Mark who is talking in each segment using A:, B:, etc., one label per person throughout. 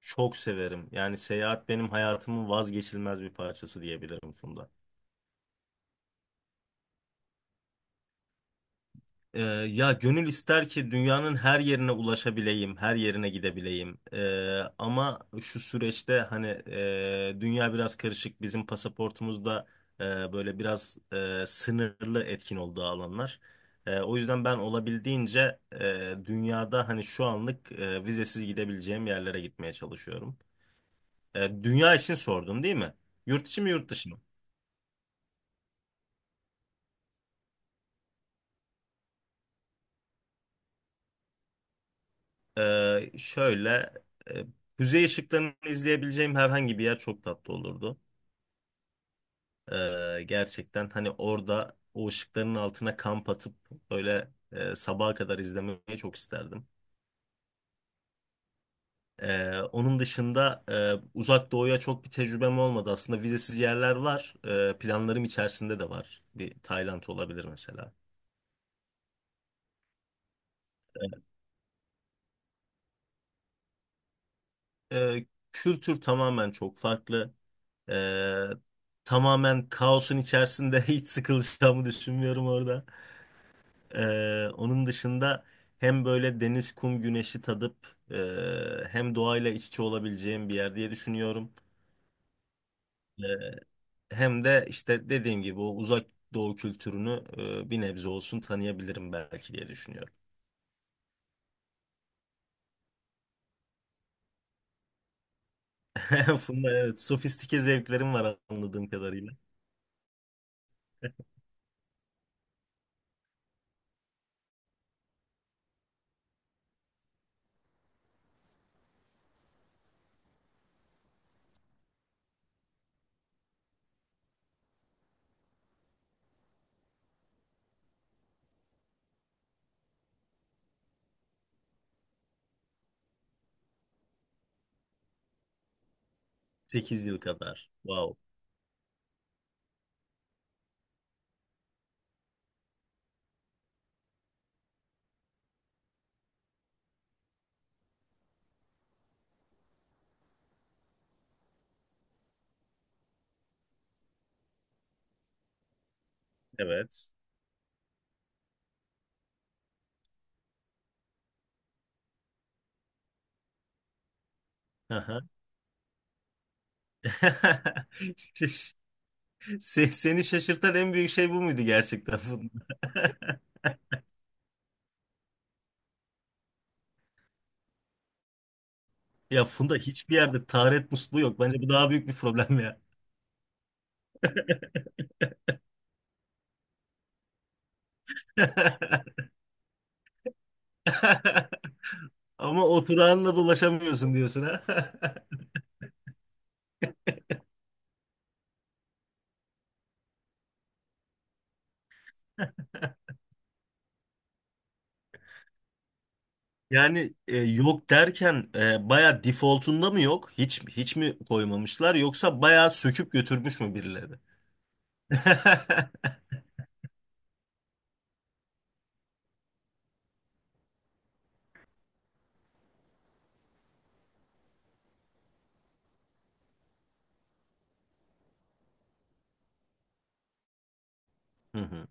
A: Çok severim. Yani seyahat benim hayatımın vazgeçilmez bir parçası diyebilirim, Funda. Ya gönül ister ki dünyanın her yerine ulaşabileyim, her yerine gidebileyim. Ama şu süreçte hani dünya biraz karışık. Bizim pasaportumuzda böyle biraz sınırlı etkin olduğu alanlar. O yüzden ben olabildiğince dünyada hani şu anlık vizesiz gidebileceğim yerlere gitmeye çalışıyorum. Dünya için sordun değil mi? Yurt içi mi yurt dışı mı? Şöyle e, kuzey ışıklarını izleyebileceğim herhangi bir yer çok tatlı olurdu. Gerçekten hani orada o ışıkların altına kamp atıp böyle sabaha kadar izlemeyi çok isterdim. Onun dışında uzak doğuya çok bir tecrübem olmadı. Aslında vizesiz yerler var. Planlarım içerisinde de var. Bir Tayland olabilir mesela. Ee, kültür tamamen çok farklı. Ee, tamamen kaosun içerisinde hiç sıkılacağımı düşünmüyorum orada. Onun dışında hem böyle deniz, kum, güneşi tadıp hem doğayla iç içe olabileceğim bir yer diye düşünüyorum. Ee, hem de işte dediğim gibi o uzak doğu kültürünü bir nebze olsun tanıyabilirim belki diye düşünüyorum. Funda, evet, sofistike zevklerim var anladığım kadarıyla. Sekiz yıl kadar. Wow. Evet. Aha. Seni şaşırtan en büyük şey bu muydu gerçekten, Funda? Ya, Funda, hiçbir yerde taharet musluğu yok. Bence bu daha büyük bir problem ya. Ama oturağınla dolaşamıyorsun diyorsun, ha. Yani yok derken baya defaultunda mı yok? Hiç hiç mi koymamışlar yoksa baya söküp götürmüş mü birileri? Hı hı,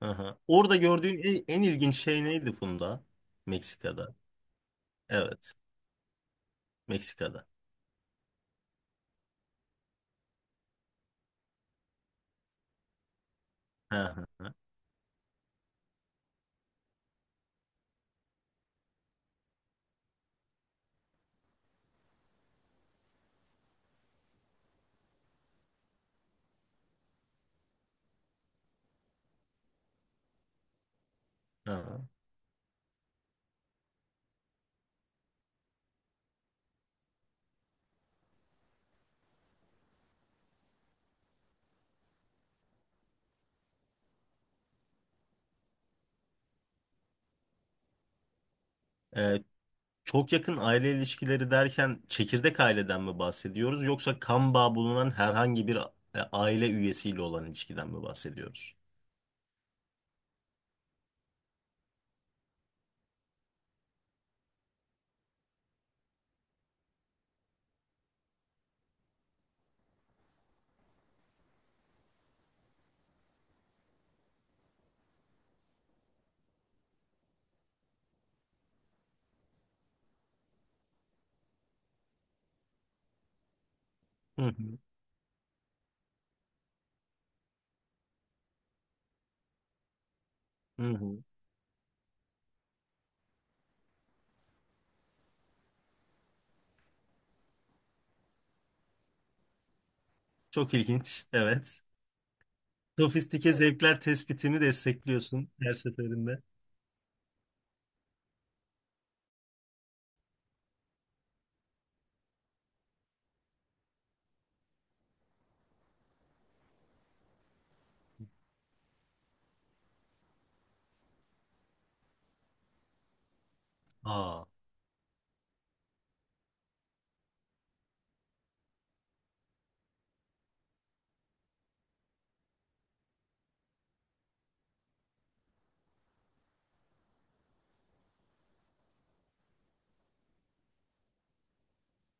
A: aha. Orada gördüğün en ilginç şey neydi, Funda? Meksika'da. Evet, Meksika'da. Hı hı, hı hı. E, Çok yakın aile ilişkileri derken çekirdek aileden mi bahsediyoruz yoksa kan bağı bulunan herhangi bir aile üyesiyle olan ilişkiden mi bahsediyoruz? Hı hı. Hı hı. Çok ilginç. Evet. Sofistike zevkler tespitimi destekliyorsun her seferinde. Aa,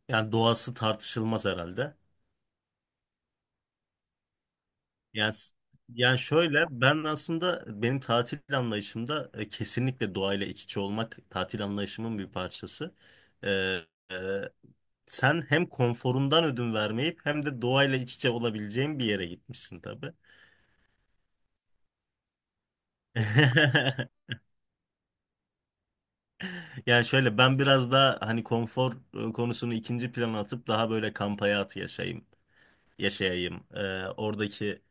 A: yani doğası tartışılmaz herhalde. Yani şöyle ben aslında benim tatil anlayışımda kesinlikle doğayla iç içe olmak tatil anlayışımın bir parçası. Ee, Sen hem konforundan ödün vermeyip hem de doğayla iç içe olabileceğin bir yere gitmişsin tabii. Yani şöyle ben biraz daha hani konfor konusunu ikinci plana atıp daha böyle kamp hayatı yaşayayım. Oradaki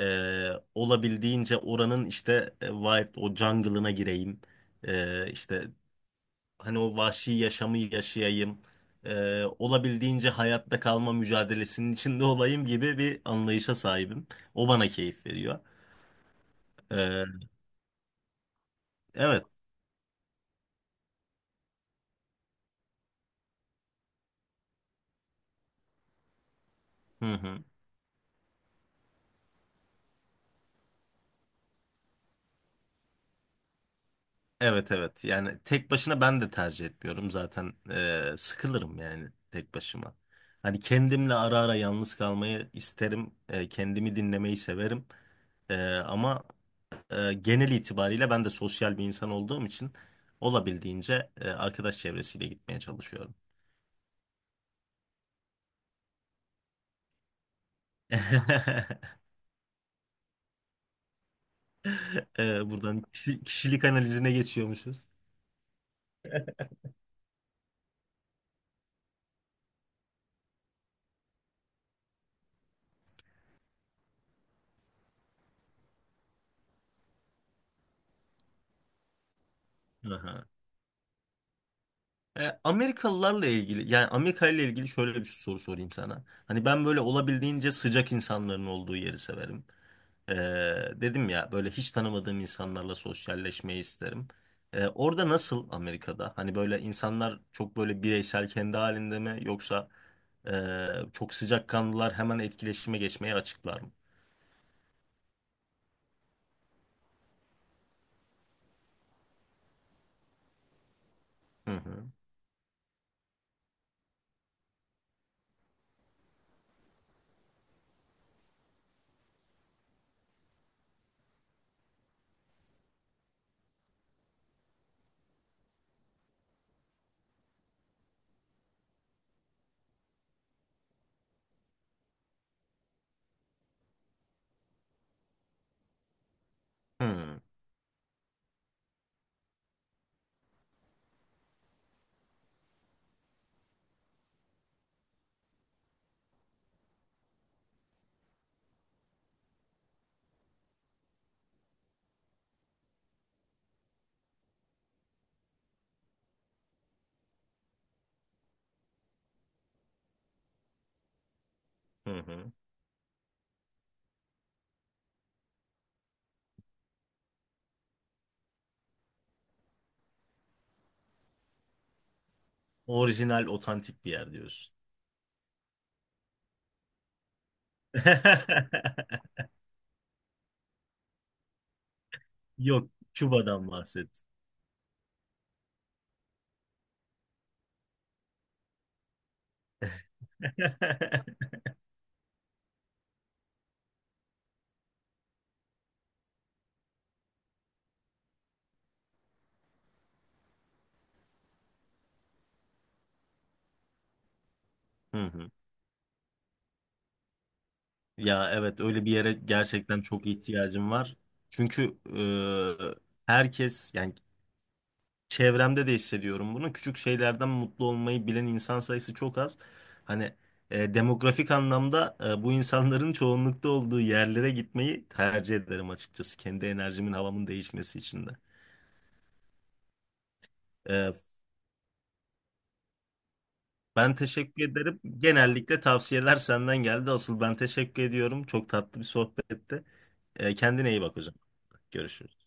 A: e, olabildiğince oranın işte wild o jungle'ına gireyim. İşte hani o vahşi yaşamı yaşayayım. Olabildiğince hayatta kalma mücadelesinin içinde olayım gibi bir anlayışa sahibim. O bana keyif veriyor. Ee, evet. Hı hı. Evet, evet. Yani tek başına ben de tercih etmiyorum zaten. Sıkılırım yani tek başıma. Hani kendimle ara ara yalnız kalmayı isterim. Kendimi dinlemeyi severim. Ama genel itibariyle ben de sosyal bir insan olduğum için olabildiğince arkadaş çevresiyle gitmeye çalışıyorum. Buradan kişilik analizine geçiyormuşuz. Aha. Amerikalılarla ilgili yani Amerika ile ilgili şöyle bir soru sorayım sana. Hani ben böyle olabildiğince sıcak insanların olduğu yeri severim. E, dedim ya böyle hiç tanımadığım insanlarla sosyalleşmeyi isterim. Orada nasıl Amerika'da? Hani böyle insanlar çok böyle bireysel kendi halinde mi yoksa çok sıcakkanlılar hemen etkileşime geçmeye açıklar mı? Hı hı. Hı hı. Hı. Orijinal, otantik bir yer diyorsun. Yok, Küba'dan bahset. Hı hı. Ya, evet, öyle bir yere gerçekten çok ihtiyacım var. Çünkü herkes yani çevremde de hissediyorum bunu. Küçük şeylerden mutlu olmayı bilen insan sayısı çok az. Hani demografik anlamda bu insanların çoğunlukta olduğu yerlere gitmeyi tercih ederim açıkçası. Kendi enerjimin, havamın değişmesi için de. E, ben teşekkür ederim. Genellikle tavsiyeler senden geldi. Asıl ben teşekkür ediyorum. Çok tatlı bir sohbetti. Kendine iyi bak hocam. Görüşürüz.